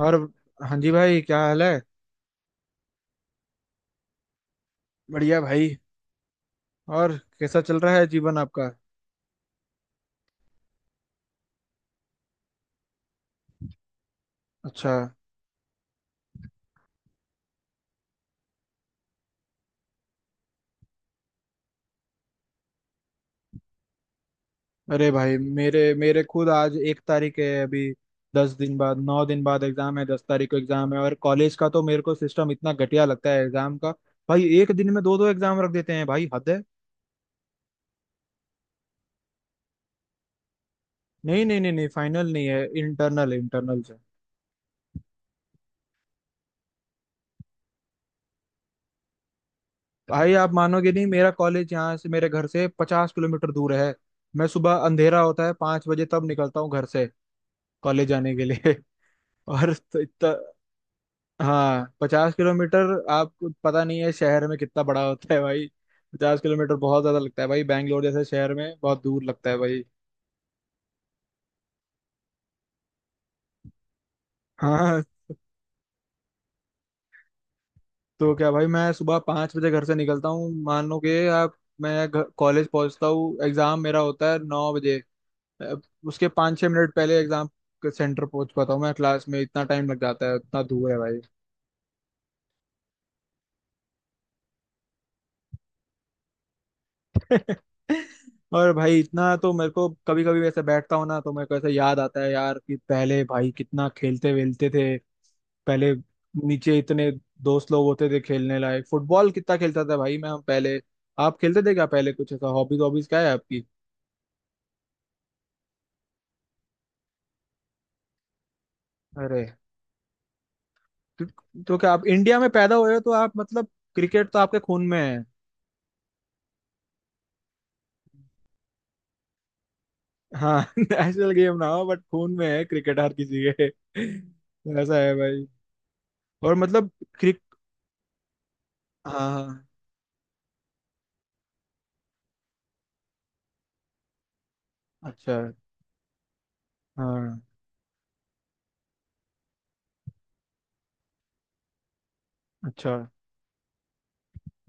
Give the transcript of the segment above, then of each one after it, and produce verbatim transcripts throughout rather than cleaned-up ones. और हाँ जी भाई, क्या हाल है? बढ़िया भाई। और कैसा चल रहा है जीवन आपका? अच्छा। अरे भाई, मेरे मेरे खुद आज एक तारीख है अभी। दस दिन बाद, नौ दिन बाद एग्जाम है, दस तारीख को एग्जाम है। और कॉलेज का तो, मेरे को सिस्टम इतना घटिया लगता है एग्जाम का। भाई एक दिन में दो दो एग्जाम रख देते हैं, भाई हद है। नहीं नहीं नहीं नहीं, फाइनल नहीं है, इंटरनल है, इंटरनल से। भाई आप मानोगे नहीं, मेरा कॉलेज यहाँ से, मेरे घर से पचास किलोमीटर दूर है। मैं सुबह, अंधेरा होता है पांच बजे, तब निकलता हूँ घर से कॉलेज जाने के लिए। और तो इतना। हाँ, पचास किलोमीटर, आपको पता नहीं है शहर में कितना बड़ा होता है भाई। पचास किलोमीटर बहुत ज्यादा लगता है भाई, बैंगलोर जैसे शहर में बहुत दूर लगता है भाई। हाँ। तो क्या भाई, मैं सुबह पाँच बजे घर से निकलता हूँ, मान लो कि आप, मैं घर- कॉलेज पहुँचता हूँ, एग्जाम मेरा होता है नौ बजे। अब उसके पाँच छः मिनट पहले एग्जाम के सेंटर पहुँच पाता हूँ मैं क्लास में, इतना टाइम लग जाता है, इतना दूर है भाई। और भाई इतना तो, मेरे को कभी कभी वैसे बैठता हूँ ना, तो मेरे को ऐसे याद आता है यार कि पहले भाई कितना खेलते वेलते थे। पहले नीचे इतने दोस्त लोग होते थे खेलने लायक, फुटबॉल कितना खेलता था भाई मैं हम पहले। आप खेलते थे क्या पहले? कुछ ऐसा हॉबीज, हॉबीज क्या है आपकी? अरे, तो, तो क्या आप इंडिया में पैदा हुए हो, तो आप मतलब क्रिकेट तो आपके खून में है। हाँ। नेशनल गेम ना हो बट खून में है क्रिकेट हर किसी के। ऐसा है भाई। और मतलब क्रिक हाँ हाँ। अच्छा। हाँ। अच्छा।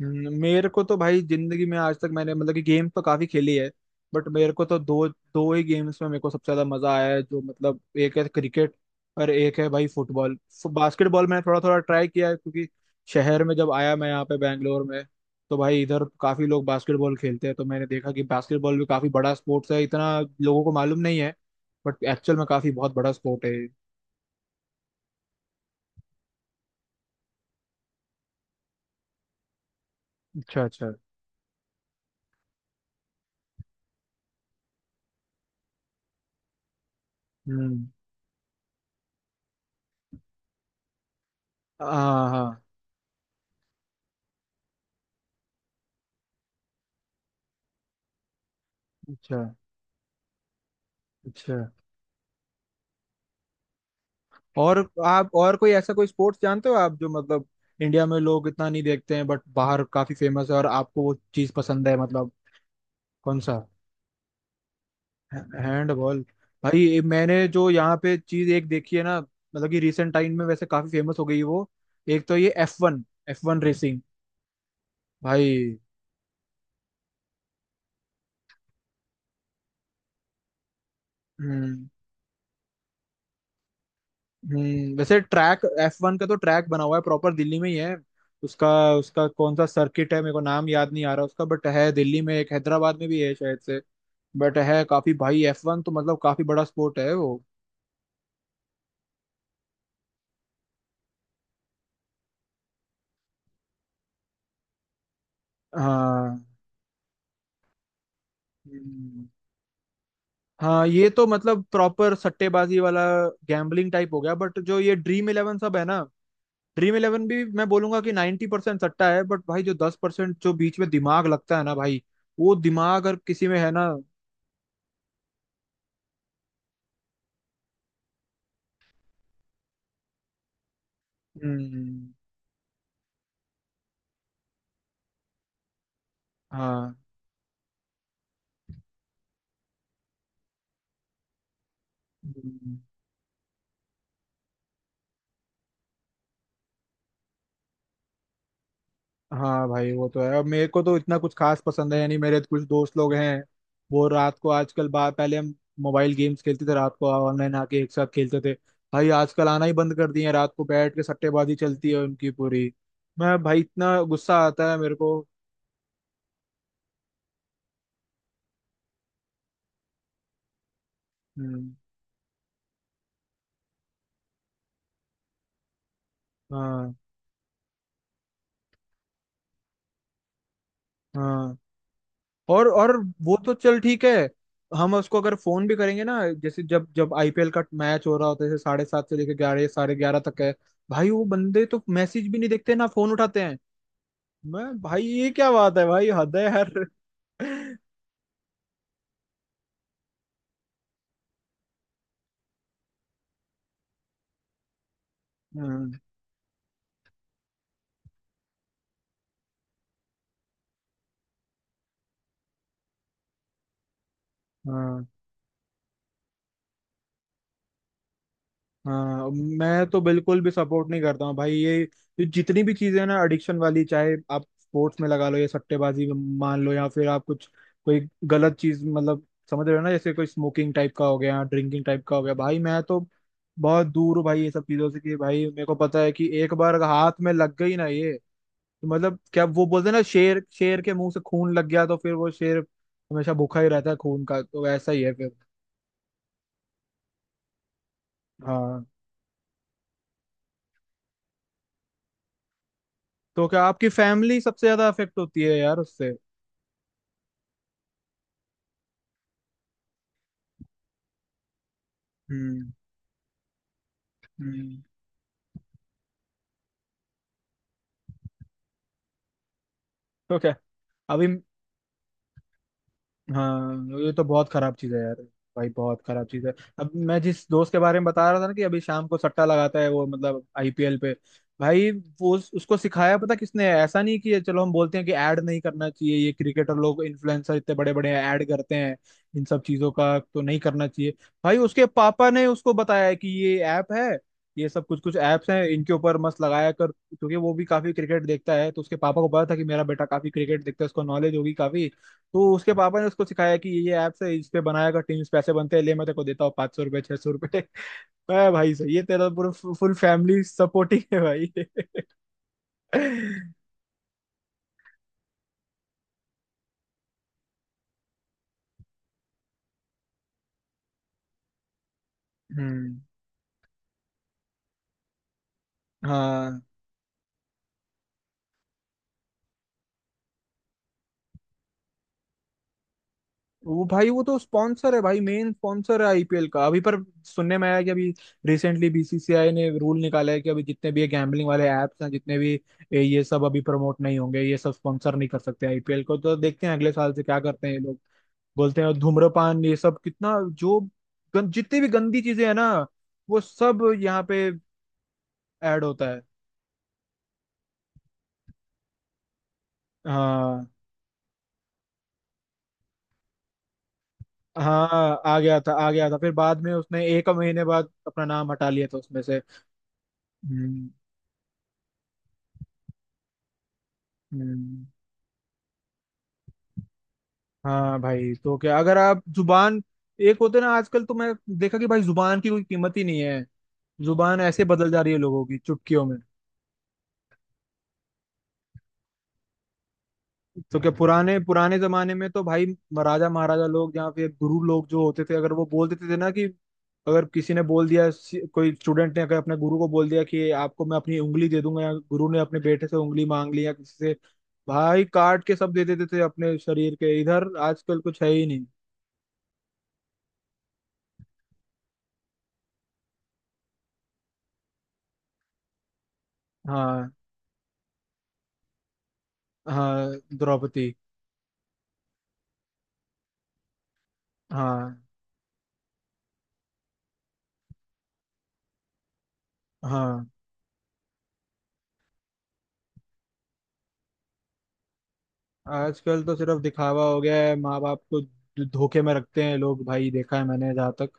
हम्म, मेरे को तो भाई, जिंदगी में आज तक मैंने मतलब कि गेम तो काफी खेली है, बट मेरे को तो दो दो ही गेम्स में मेरे को सबसे ज्यादा मजा आया है, जो मतलब एक है क्रिकेट और एक है भाई फुटबॉल। बास्केटबॉल मैंने थोड़ा थोड़ा ट्राई किया है, क्योंकि शहर में जब आया मैं यहाँ पे बैंगलोर में, तो भाई इधर काफी लोग बास्केटबॉल खेलते हैं, तो मैंने देखा कि बास्केटबॉल भी काफी बड़ा स्पोर्ट्स है, इतना लोगों को मालूम नहीं है, बट एक्चुअल में काफी बहुत बड़ा स्पोर्ट है ये। अच्छा अच्छा। हम्म। हाँ हाँ। अच्छा अच्छा। और आप, और कोई ऐसा, कोई स्पोर्ट्स जानते हो आप जो मतलब इंडिया में लोग इतना नहीं देखते हैं बट बाहर काफी फेमस है, और आपको वो चीज पसंद है मतलब, कौन सा? हैंडबॉल। भाई ये मैंने जो यहाँ पे चीज एक देखी है ना, मतलब कि रिसेंट टाइम में वैसे काफी फेमस हो गई है वो, एक तो ये F one, F one racing. भाई। हम्म। हम्म वैसे ट्रैक एफ वन का, तो ट्रैक बना हुआ है प्रॉपर दिल्ली में ही है उसका। उसका कौन सा सर्किट है, मेरे को नाम याद नहीं आ रहा उसका, बट है दिल्ली में, एक हैदराबाद में भी है शायद से। बट है काफी भाई, एफ वन तो मतलब काफी बड़ा स्पोर्ट है वो। हाँ। हम्म। हाँ, ये तो मतलब प्रॉपर सट्टेबाजी वाला, गैम्बलिंग टाइप हो गया, बट जो ये ड्रीम इलेवन सब है ना, ड्रीम इलेवन भी मैं बोलूंगा कि नाइन्टी परसेंट सट्टा है, बट भाई जो दस परसेंट जो बीच में दिमाग लगता है ना भाई, वो दिमाग अगर किसी में है ना। हम्म। हाँ। हम्म, हाँ भाई वो तो है, अब मेरे को तो इतना कुछ खास पसंद है, यानी मेरे तो कुछ दोस्त लोग हैं, वो रात को आजकल बा पहले हम मोबाइल गेम्स खेलते थे रात को, ऑनलाइन आके एक साथ खेलते थे। भाई आजकल आना ही बंद कर दिए हैं, रात को बैठ के सट्टेबाजी चलती है उनकी पूरी। मैं, भाई इतना गुस्सा आता है मेरे को। हम्म। हाँ हाँ। और और वो तो चल ठीक है। हम उसको अगर फोन भी करेंगे ना, जैसे जब जब आईपीएल का मैच हो रहा होता है, जैसे साढ़े सात से लेकर ग्यारह, साढ़े ग्यारह तक है, भाई वो बंदे तो मैसेज भी नहीं देखते, ना फोन उठाते हैं। मैं, भाई ये क्या बात है, भाई हद है यार। हाँ। हाँ। हाँ। मैं तो बिल्कुल भी सपोर्ट नहीं करता हूँ भाई ये ये जितनी भी चीजें हैं ना एडिक्शन वाली, चाहे आप स्पोर्ट्स में लगा लो या सट्टेबाजी में, मान लो, या फिर आप कुछ, कोई गलत चीज, मतलब समझ रहे हो ना, जैसे कोई स्मोकिंग टाइप का हो गया, ड्रिंकिंग टाइप का हो गया। भाई मैं तो बहुत दूर हूँ भाई ये सब चीजों से, कि भाई मेरे को पता है कि एक बार अगर हाथ में लग गई ना ये, तो मतलब, क्या वो बोलते हैं ना, शेर, शेर के मुंह से खून लग गया तो फिर वो शेर हमेशा भूखा ही रहता है खून का, तो ऐसा ही है फिर। हाँ। तो क्या आपकी फैमिली सबसे ज्यादा अफेक्ट होती है यार उससे? हम्म। हम्म, तो क्या, अभी। हाँ, ये तो बहुत खराब चीज है यार, भाई बहुत खराब चीज है। अब मैं जिस दोस्त के बारे में बता रहा था ना, कि अभी शाम को सट्टा लगाता है वो, मतलब आईपीएल पे, भाई वो उस- उसको सिखाया पता किसने, ऐसा नहीं कि चलो हम बोलते हैं कि ऐड नहीं करना चाहिए, ये क्रिकेटर लोग, इन्फ्लुएंसर इतने बड़े बड़े ऐड करते हैं इन सब चीजों का, तो नहीं करना चाहिए। भाई उसके पापा ने उसको बताया है कि ये ऐप है, ये सब कुछ कुछ ऐप्स हैं, इनके ऊपर मस्त लगाया कर, क्योंकि वो भी काफी क्रिकेट देखता है, तो उसके पापा को पता था कि मेरा बेटा काफी क्रिकेट देखता है, उसको नॉलेज होगी काफी, तो उसके पापा ने उसको सिखाया कि ये ऐप्स है, इस पे बनाया कर टीम्स, पैसे बनते हैं, ले मैं तेरे को देता हूँ पाँच सौ रुपये, छह सौ रुपये। मैं, भाई सही है, तेरा पूरा फुल फैमिली सपोर्टिंग है भाई। हम्म। हाँ। वो भाई, वो तो स्पॉन्सर है भाई, मेन स्पॉन्सर है आईपीएल का अभी, पर सुनने में आया कि अभी रिसेंटली बीसीसीआई ने रूल निकाला है कि अभी जितने भी ये गैम्बलिंग वाले ऐप्स हैं, जितने भी ये ये सब अभी प्रमोट नहीं होंगे, ये सब स्पॉन्सर नहीं कर सकते आईपीएल को, तो देखते हैं अगले साल से क्या करते हैं ये, बोलते हैं। और धूम्रपान ये सब कितना जो गन, जितनी भी गंदी चीजें हैं ना, वो सब यहाँ पे ऐड होता है। हाँ। हाँ। आ गया था, आ गया था, फिर बाद में उसने एक महीने बाद अपना नाम हटा लिया था उसमें से। हम्म। हम्म, हाँ भाई, तो क्या, अगर आप जुबान एक होते ना, आजकल तो मैं देखा कि भाई जुबान की कोई कीमत ही नहीं है, जुबान ऐसे बदल जा रही है लोगों की चुटकियों में। तो क्या, पुराने पुराने जमाने में तो भाई, राजा महाराजा लोग या फिर गुरु लोग जो होते थे, अगर वो बोल देते थे ना कि, अगर किसी ने बोल दिया, कोई स्टूडेंट ने अगर अपने गुरु को बोल दिया कि आपको मैं अपनी उंगली दे दूंगा, या गुरु ने अपने बेटे से उंगली मांग ली, या किसी से, भाई काट के सब दे देते थे अपने शरीर के, इधर आजकल कुछ है ही नहीं। हाँ हाँ। द्रौपदी। हाँ हाँ। आजकल तो सिर्फ दिखावा हो गया है, माँ बाप को धोखे में रखते हैं लोग, भाई देखा है मैंने, जहाँ तक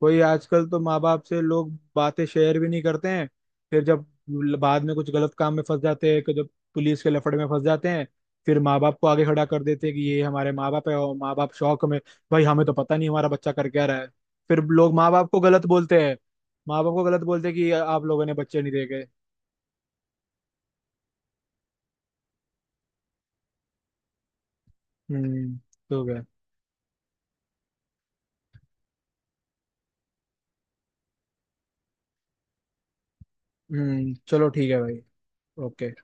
कोई आजकल तो माँ बाप से लोग बातें शेयर भी नहीं करते हैं, फिर जब बाद में कुछ गलत काम में फंस जाते हैं, कि जब पुलिस के लफड़े में फंस जाते हैं, फिर माँ बाप को आगे खड़ा कर देते हैं कि ये हमारे माँ बाप है, और माँ बाप शौक में, भाई हमें तो पता नहीं हमारा बच्चा कर क्या रहा है, फिर लोग माँ बाप को गलत बोलते हैं, माँ बाप को गलत बोलते हैं कि आप लोगों ने बच्चे नहीं देखे। हम्म। तो क्या। हम्म चलो ठीक है भाई। ओके।